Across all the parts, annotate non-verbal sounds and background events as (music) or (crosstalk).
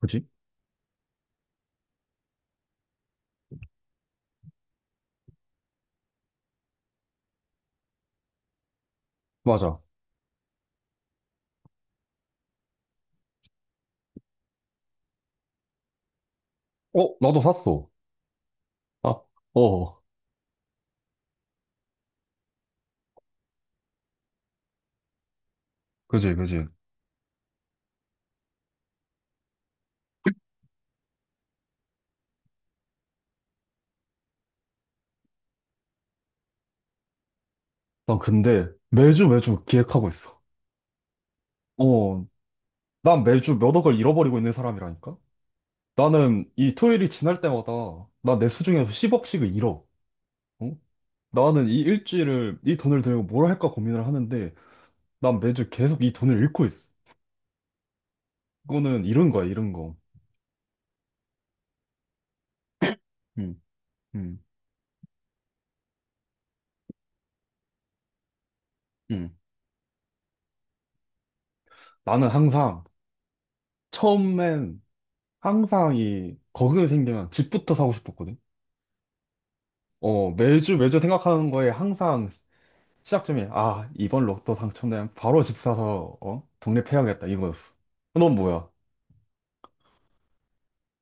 그지? 맞아. 어, 나도 샀어. 아, 어, 그지, 그지. 난 근데 매주 매주 기획하고 있어. 어, 난 매주 몇 억을 잃어버리고 있는 사람이라니까? 나는 이 토요일이 지날 때마다 나 내 수중에서 10억씩을 잃어. 어? 나는 이 일주일을 이 돈을 들고 뭘 할까 고민을 하는데 난 매주 계속 이 돈을 잃고 있어. 이거는 잃은 거야, 잃은 거. 음, 음, 음. 나는 항상 처음엔 항상 이 거금이 생기면 집부터 사고 싶었거든. 어, 매주 매주 생각하는 거에 항상 시작점이, 아, 이번 로또 당첨되면 바로 집 사서, 어, 독립해야겠다, 이거였어. 어, 넌 뭐야?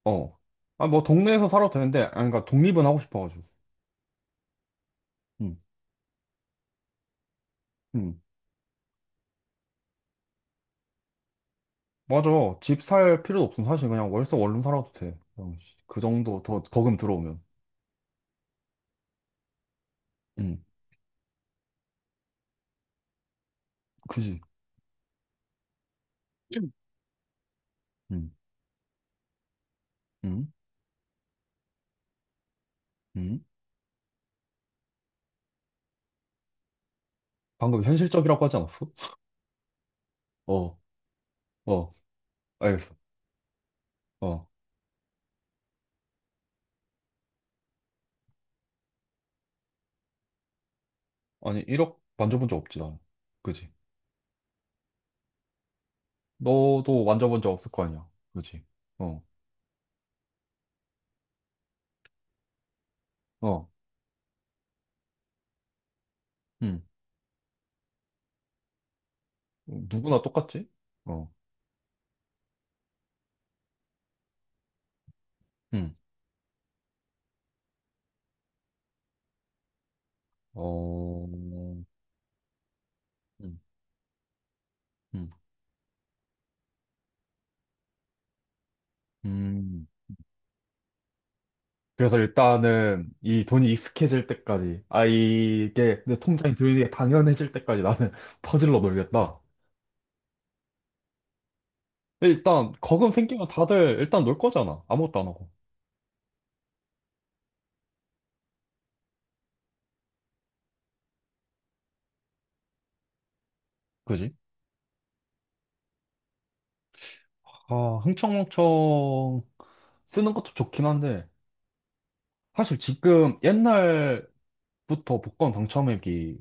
어. 아, 뭐, 동네에서 살아도 되는데, 아, 그러니까 독립은 하고 싶어가지고. 응, 응. 맞아. 집 살 필요도 없음. 사실 그냥 월세 원룸 살아도 돼. 그냥 씨, 그 정도 더 거금 들어오면. 응, 그지. 응, 응, 응. 방금 현실적이라고 하지 않았어? 어, 어, 알겠어. 어. 아니, 1억 만져본 적 없지, 나는. 그지? 너도 만져본 적 없을 거 아니야. 그지? 어, 어, 음. 누구나 똑같지? 어, 음. 어, 음, 음. 그래서 일단은 이 돈이 익숙해질 때까지, 아, 이게 내 통장에 돈이 당연해질 때까지 나는 (laughs) 퍼질러 놀겠다. 일단, 거금 생기면 다들 일단 놀 거잖아. 아무것도 안 하고. 그지? 아, 흥청망청 쓰는 것도 좋긴 한데, 사실 지금 옛날부터 복권 당첨액이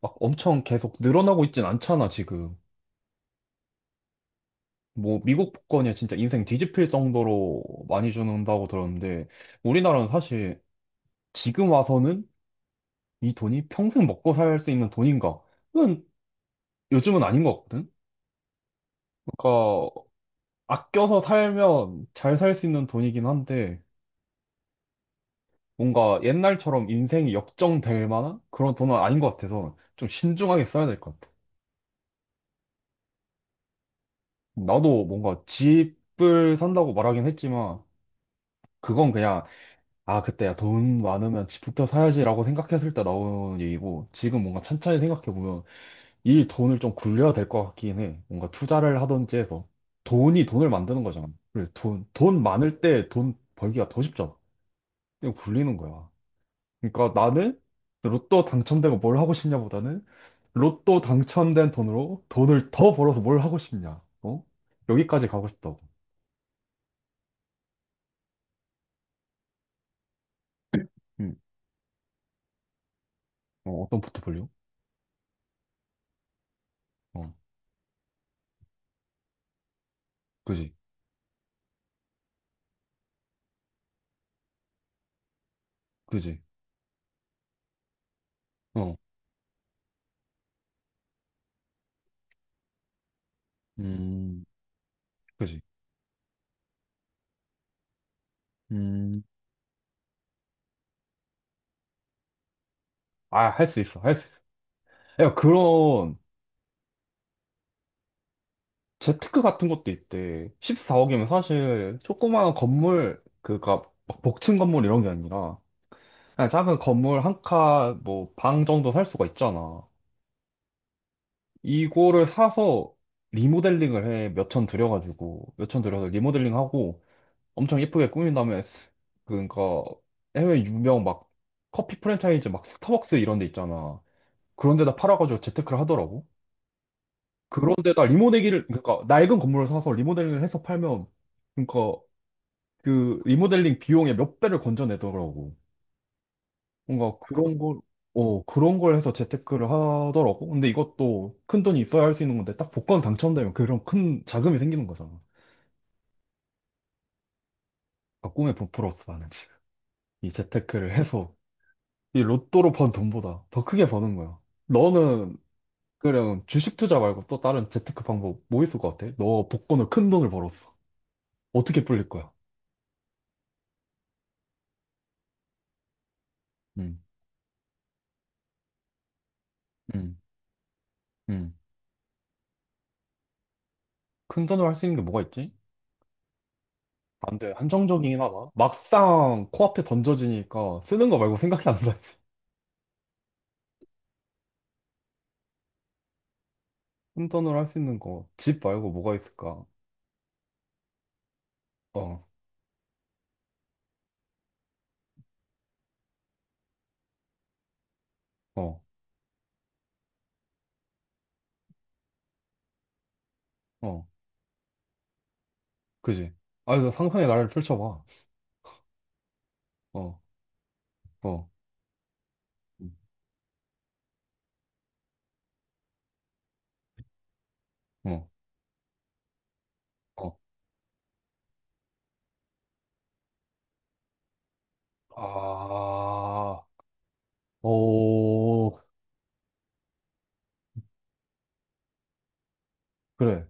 막 엄청 계속 늘어나고 있진 않잖아, 지금. 뭐, 미국 복권이 진짜 인생 뒤집힐 정도로 많이 주는다고 들었는데, 우리나라는 사실 지금 와서는 이 돈이 평생 먹고 살 수 있는 돈인가? 그건 요즘은 아닌 것 같거든? 그러니까, 아껴서 살면 잘 살 수 있는 돈이긴 한데, 뭔가 옛날처럼 인생이 역정될 만한 그런 돈은 아닌 것 같아서 좀 신중하게 써야 될 것 같아. 나도 뭔가 집을 산다고 말하긴 했지만, 그건 그냥 아, 그때야 돈 많으면 집부터 사야지라고 생각했을 때 나온 얘기고, 지금 뭔가 천천히 생각해보면 이 돈을 좀 굴려야 될 것 같긴 해. 뭔가 투자를 하든지 해서. 돈이 돈을 만드는 거잖아. 그래, 돈, 돈 많을 때 돈 벌기가 더 쉽잖아. 그냥 굴리는 거야. 그러니까 나는 로또 당첨되고 뭘 하고 싶냐보다는 로또 당첨된 돈으로 돈을 더 벌어서 뭘 하고 싶냐. 어? 여기까지 가고 싶다고. 음. 어, 어떤 포트폴리오? 어, 그지, 그지. 어, 음, 그지. 음, 아, 할 수 있어, 할 수 있어. 야, 그런 재테크 같은 것도 있대. 14억이면 사실 조그마한 건물, 그니까 복층 건물 이런 게 아니라 그냥 작은 건물 한 칸, 뭐 방 정도 살 수가 있잖아. 이거를 사서 리모델링을 해. 몇 천 들여가지고 몇 천 들여서 리모델링하고 엄청 예쁘게 꾸민 다음에 그러니까 해외 유명 막 커피 프랜차이즈 막 스타벅스 이런 데 있잖아. 그런 데다 팔아가지고 재테크를 하더라고. 그런데다 리모델링을 그러니까 낡은 건물을 사서 리모델링을 해서 팔면 그러니까 그 리모델링 비용의 몇 배를 건져내더라고. 뭔가 그런 걸, 어, 그런 걸 해서 재테크를 하더라고. 근데 이것도 큰 돈이 있어야 할 수 있는 건데 딱 복권 당첨되면 그런 큰 자금이 생기는 거잖아. 그러니까 꿈에 부풀었어 나는 지금. 이 재테크를 해서 이 로또로 번 돈보다 더 크게 버는 거야. 너는 그냥 주식 투자 말고 또 다른 재테크 방법 뭐 있을 것 같아? 너 복권을 큰 돈을 벌었어. 어떻게 불릴 거야? 응, 응. 음. 큰 돈으로 할 수 있는 게 뭐가 있지? 안 돼. 한정적이긴 하다. 막상 코앞에 던져지니까 쓰는 거 말고 생각이 안 나지. 큰 돈으로 할 수 있는 거. 집 말고 뭐가 있을까? 어, 어, 어. 그지? 아, 너 상상의 나를 펼쳐봐. 어, 어, 음, 어, 어. 아, 오, 그래.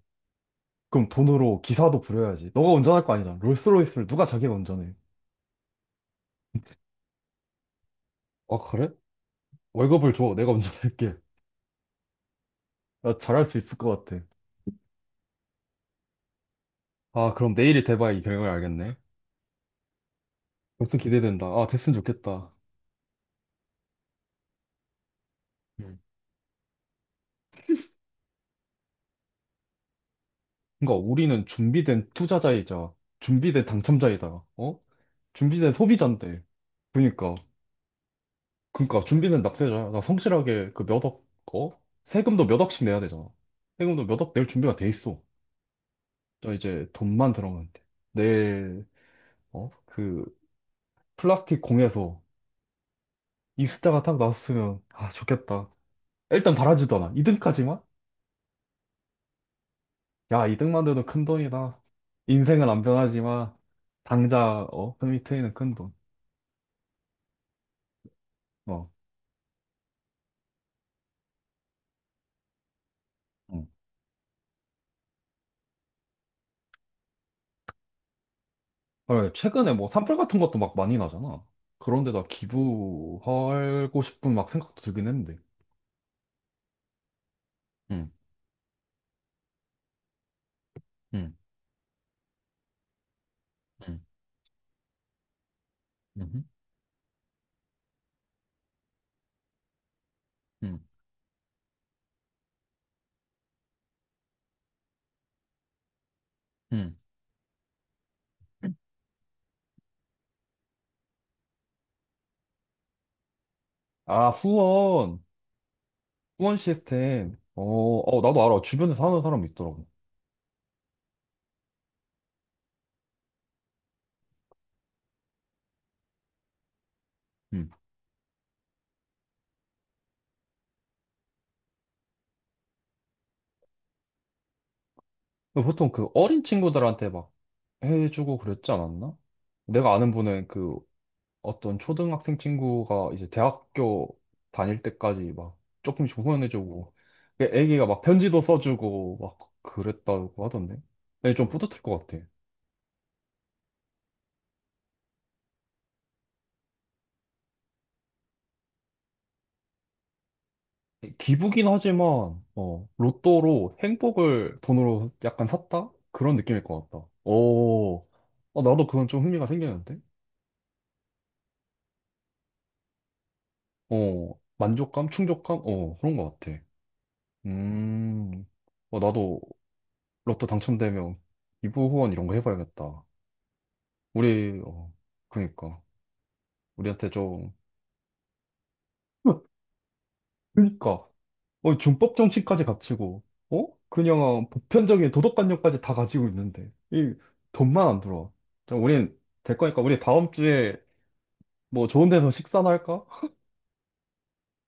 그럼 돈으로 기사도 부려야지. 너가 운전할 거 아니잖아. 롤스로이스를 누가 자기가 운전해? 아, 그래? 월급을 줘. 내가 운전할게. 나 잘할 수 있을 것 같아. 아, 그럼 내일이 대박 이 경영을 알겠네. 데슨 기대된다. 아, 데슨 좋겠다. 음. 그러니까 우리는 준비된 투자자이자 준비된 당첨자이다. 어? 준비된 소비자인데. 그러니까 그러니까 준비된 납세자야. 나 성실하게 그 몇 억, 어? 세금도 몇 억씩 내야 되잖아. 세금도 몇 억 낼 준비가 돼 있어. 자, 이제 돈만 들어가면 돼. 내일 어? 그 플라스틱 공에서 이 숫자가 딱 나왔으면 아, 좋겠다. 일단 바라지도 않아. 이등까지만 야, 이득만 돼도 큰돈이다. 인생은 안 변하지만, 당장, 어, 흠이 트이는 큰돈. 어. 응. 헐, 최근에 뭐 산불 같은 것도 막 많이 나잖아. 그런데다 기부하고 싶은 막 생각도 들긴 했는데. 응. 응. 응. 응. 응. 응. 아, 후원. 후원 시스템. 어, 어, 나도 알아. 주변에서 하는 사람 있더라고. 응. 근데 보통 그 어린 친구들한테 막 해주고 그랬지 않았나? 내가 아는 분은 그 어떤 초등학생 친구가 이제 대학교 다닐 때까지 막 조금씩 후원해주고 그 애기가 막 편지도 써주고 막 그랬다고 하던데 근데 좀 뿌듯할 것 같아 기부긴 하지만 어 로또로 행복을 돈으로 약간 샀다 그런 느낌일 것 같다 오 어, 나도 그건 좀 흥미가 생기는데 어 만족감 충족감 어 그런 것 같아 음어 나도 로또 당첨되면 기부 후원 이런 거 해봐야겠다 우리, 어, 그니까. 우리한테 좀, 어, 그니까. 어, 준법 정신까지 갖추고, 어? 그냥 보편적인 도덕관념까지 다 가지고 있는데, 이 돈만 안 들어와. 좀 우린 될 거니까, 우리 다음 주에 뭐 좋은 데서 식사나 할까?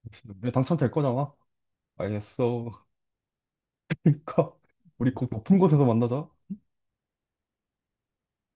(laughs) 우리 당첨될 거잖아. 알겠어. (laughs) 그니까, 우리 곧 높은 곳에서 만나자.